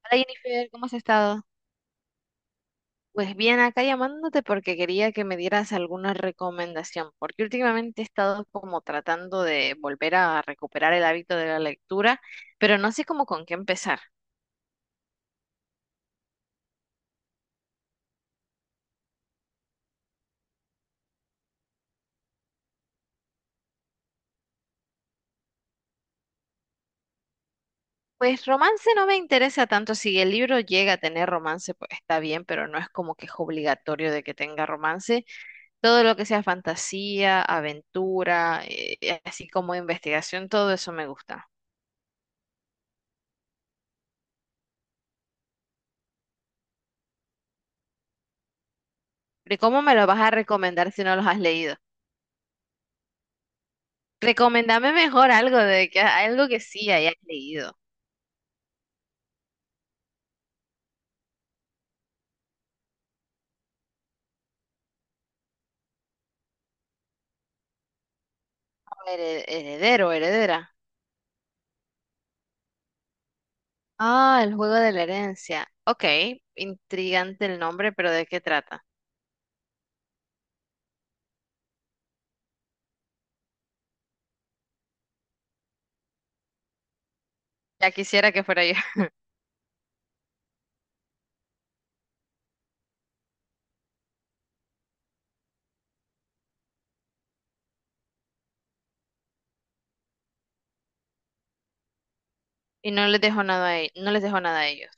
Hola Jennifer, ¿cómo has estado? Pues bien, acá llamándote porque quería que me dieras alguna recomendación, porque últimamente he estado como tratando de volver a recuperar el hábito de la lectura, pero no sé cómo con qué empezar. Pues romance no me interesa tanto, si el libro llega a tener romance, pues está bien, pero no es como que es obligatorio de que tenga romance. Todo lo que sea fantasía, aventura, así como investigación, todo eso me gusta. ¿Y cómo me lo vas a recomendar si no los has leído? Recomendame mejor algo de que algo que sí hayas leído. Heredero, heredera. Ah, el juego de la herencia. Ok, intrigante el nombre, pero ¿de qué trata? Ya quisiera que fuera yo. Y no les dejo nada a, no les dejo nada a ellos.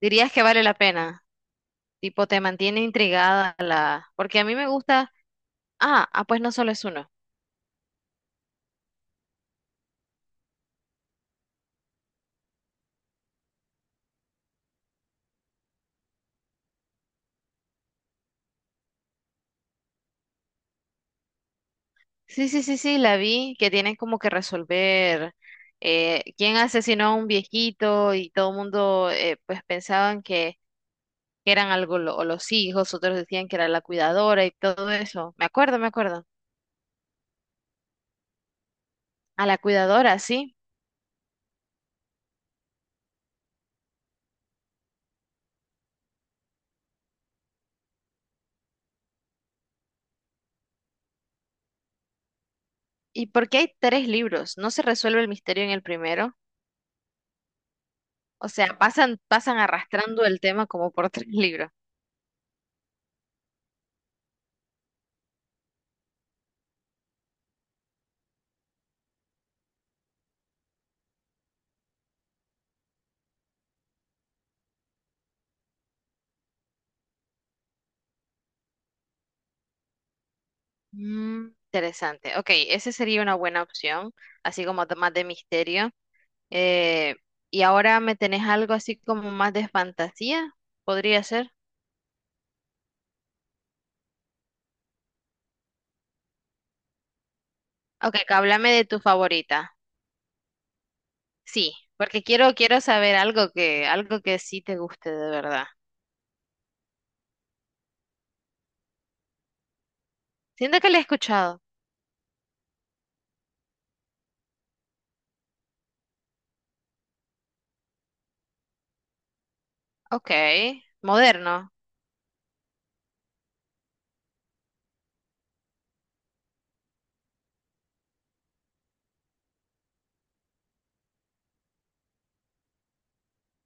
¿Dirías que vale la pena? Tipo, te mantiene intrigada la. Porque a mí me gusta. Ah, ah, pues no solo es uno. Sí, sí, sí, sí, la vi, que tienen como que resolver quién asesinó a un viejito y todo el mundo, pues pensaban que eran algo los hijos, otros decían que era la cuidadora y todo eso. Me acuerdo, me acuerdo. A la cuidadora, sí. ¿Y por qué hay tres libros? ¿No se resuelve el misterio en el primero? O sea, pasan, pasan arrastrando el tema como por tres libros. Mm, interesante. Ok, esa sería una buena opción, así como más de misterio. Eh, y ahora me tenés algo así como más de fantasía, podría ser. Ok, que háblame de tu favorita. Sí, porque quiero, quiero saber algo que sí te guste de verdad. Siento que le he escuchado. Ok, moderno.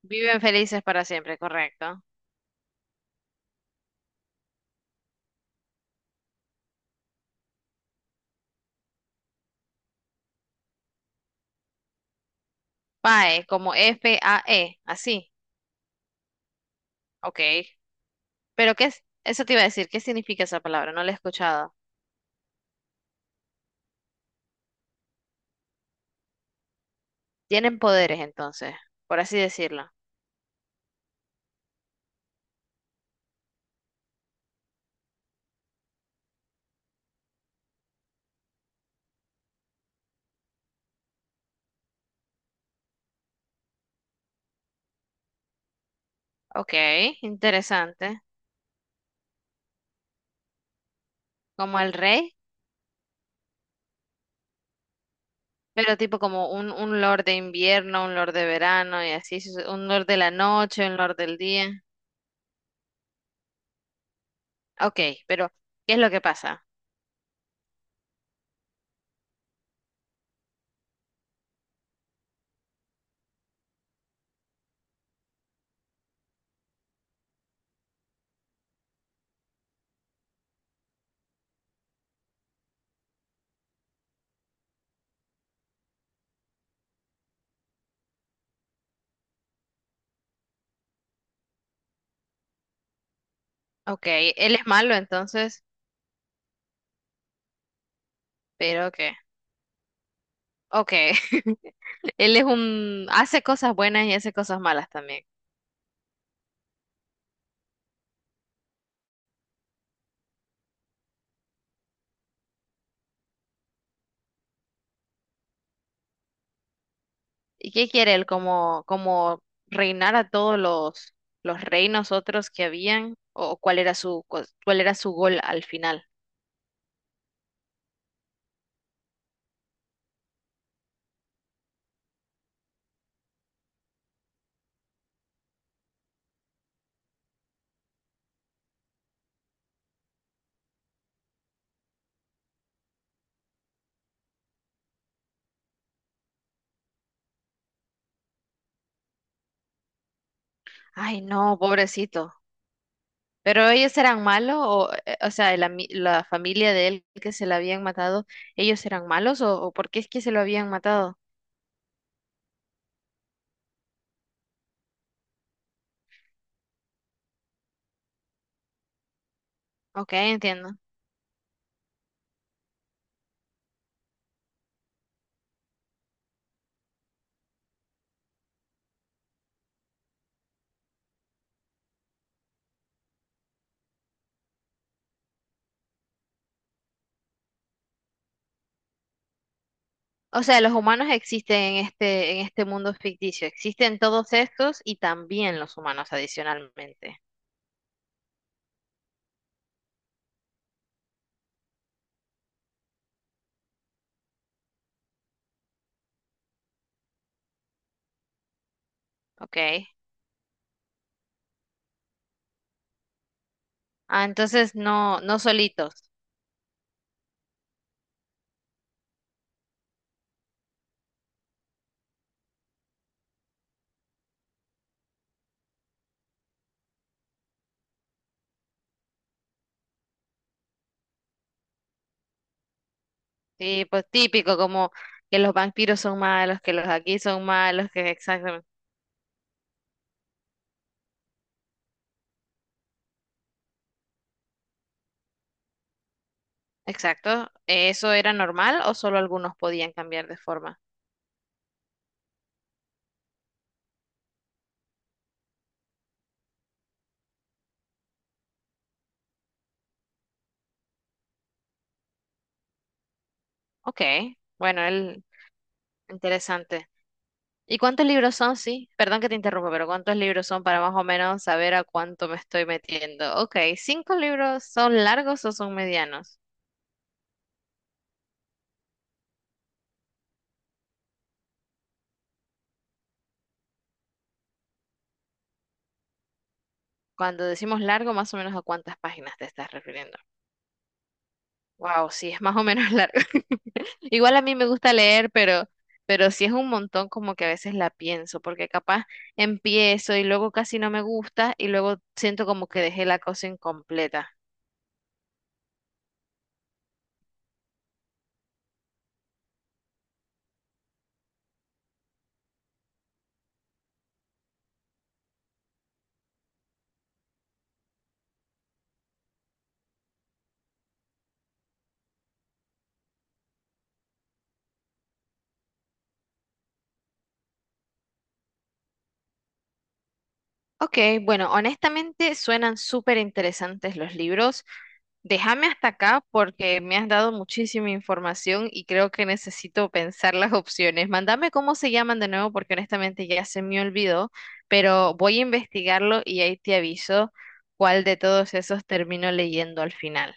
Viven felices para siempre, correcto. PAE, como FAE, así. Ok. Pero ¿qué es? Eso te iba a decir, ¿qué significa esa palabra? No la he escuchado. Tienen poderes entonces, por así decirlo. Ok, interesante. Como el rey, pero tipo como un lord de invierno, un lord de verano y así, un lord de la noche, un lord del día. Ok, pero ¿qué es lo que pasa? Ok, él es malo entonces, pero ¿qué? Ok, él es un, hace cosas buenas y hace cosas malas también. ¿Y qué quiere él? ¿Como, como reinar a todos los reinos otros que habían? ¿O cuál era su, cuál era su gol al final? Ay, no, pobrecito. ¿Pero ellos eran malos? O sea, el la familia de él que se la habían matado, ellos eran malos? O por qué es que se lo habían matado? Ok, entiendo. O sea, los humanos existen en este mundo ficticio. Existen todos estos y también los humanos adicionalmente. ¿Ok? Ah, entonces no, no solitos. Sí, pues típico, como que los vampiros son malos, que los aquí son malos, que exactamente. Exacto. ¿Eso era normal o solo algunos podían cambiar de forma? Ok. Bueno, el, interesante. ¿Y cuántos libros son? Sí, perdón que te interrumpa, pero ¿cuántos libros son para más o menos saber a cuánto me estoy metiendo? Ok, ¿cinco libros son largos o son medianos? Cuando decimos largo, más o menos a cuántas páginas te estás refiriendo. Wow, sí, es más o menos largo. Igual a mí me gusta leer, pero sí es un montón como que a veces la pienso, porque capaz empiezo y luego casi no me gusta y luego siento como que dejé la cosa incompleta. Ok, bueno, honestamente suenan súper interesantes los libros. Déjame hasta acá porque me has dado muchísima información y creo que necesito pensar las opciones. Mándame cómo se llaman de nuevo porque honestamente ya se me olvidó, pero voy a investigarlo y ahí te aviso cuál de todos esos termino leyendo al final.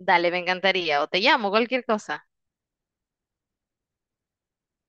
Dale, me encantaría. O te llamo, cualquier cosa.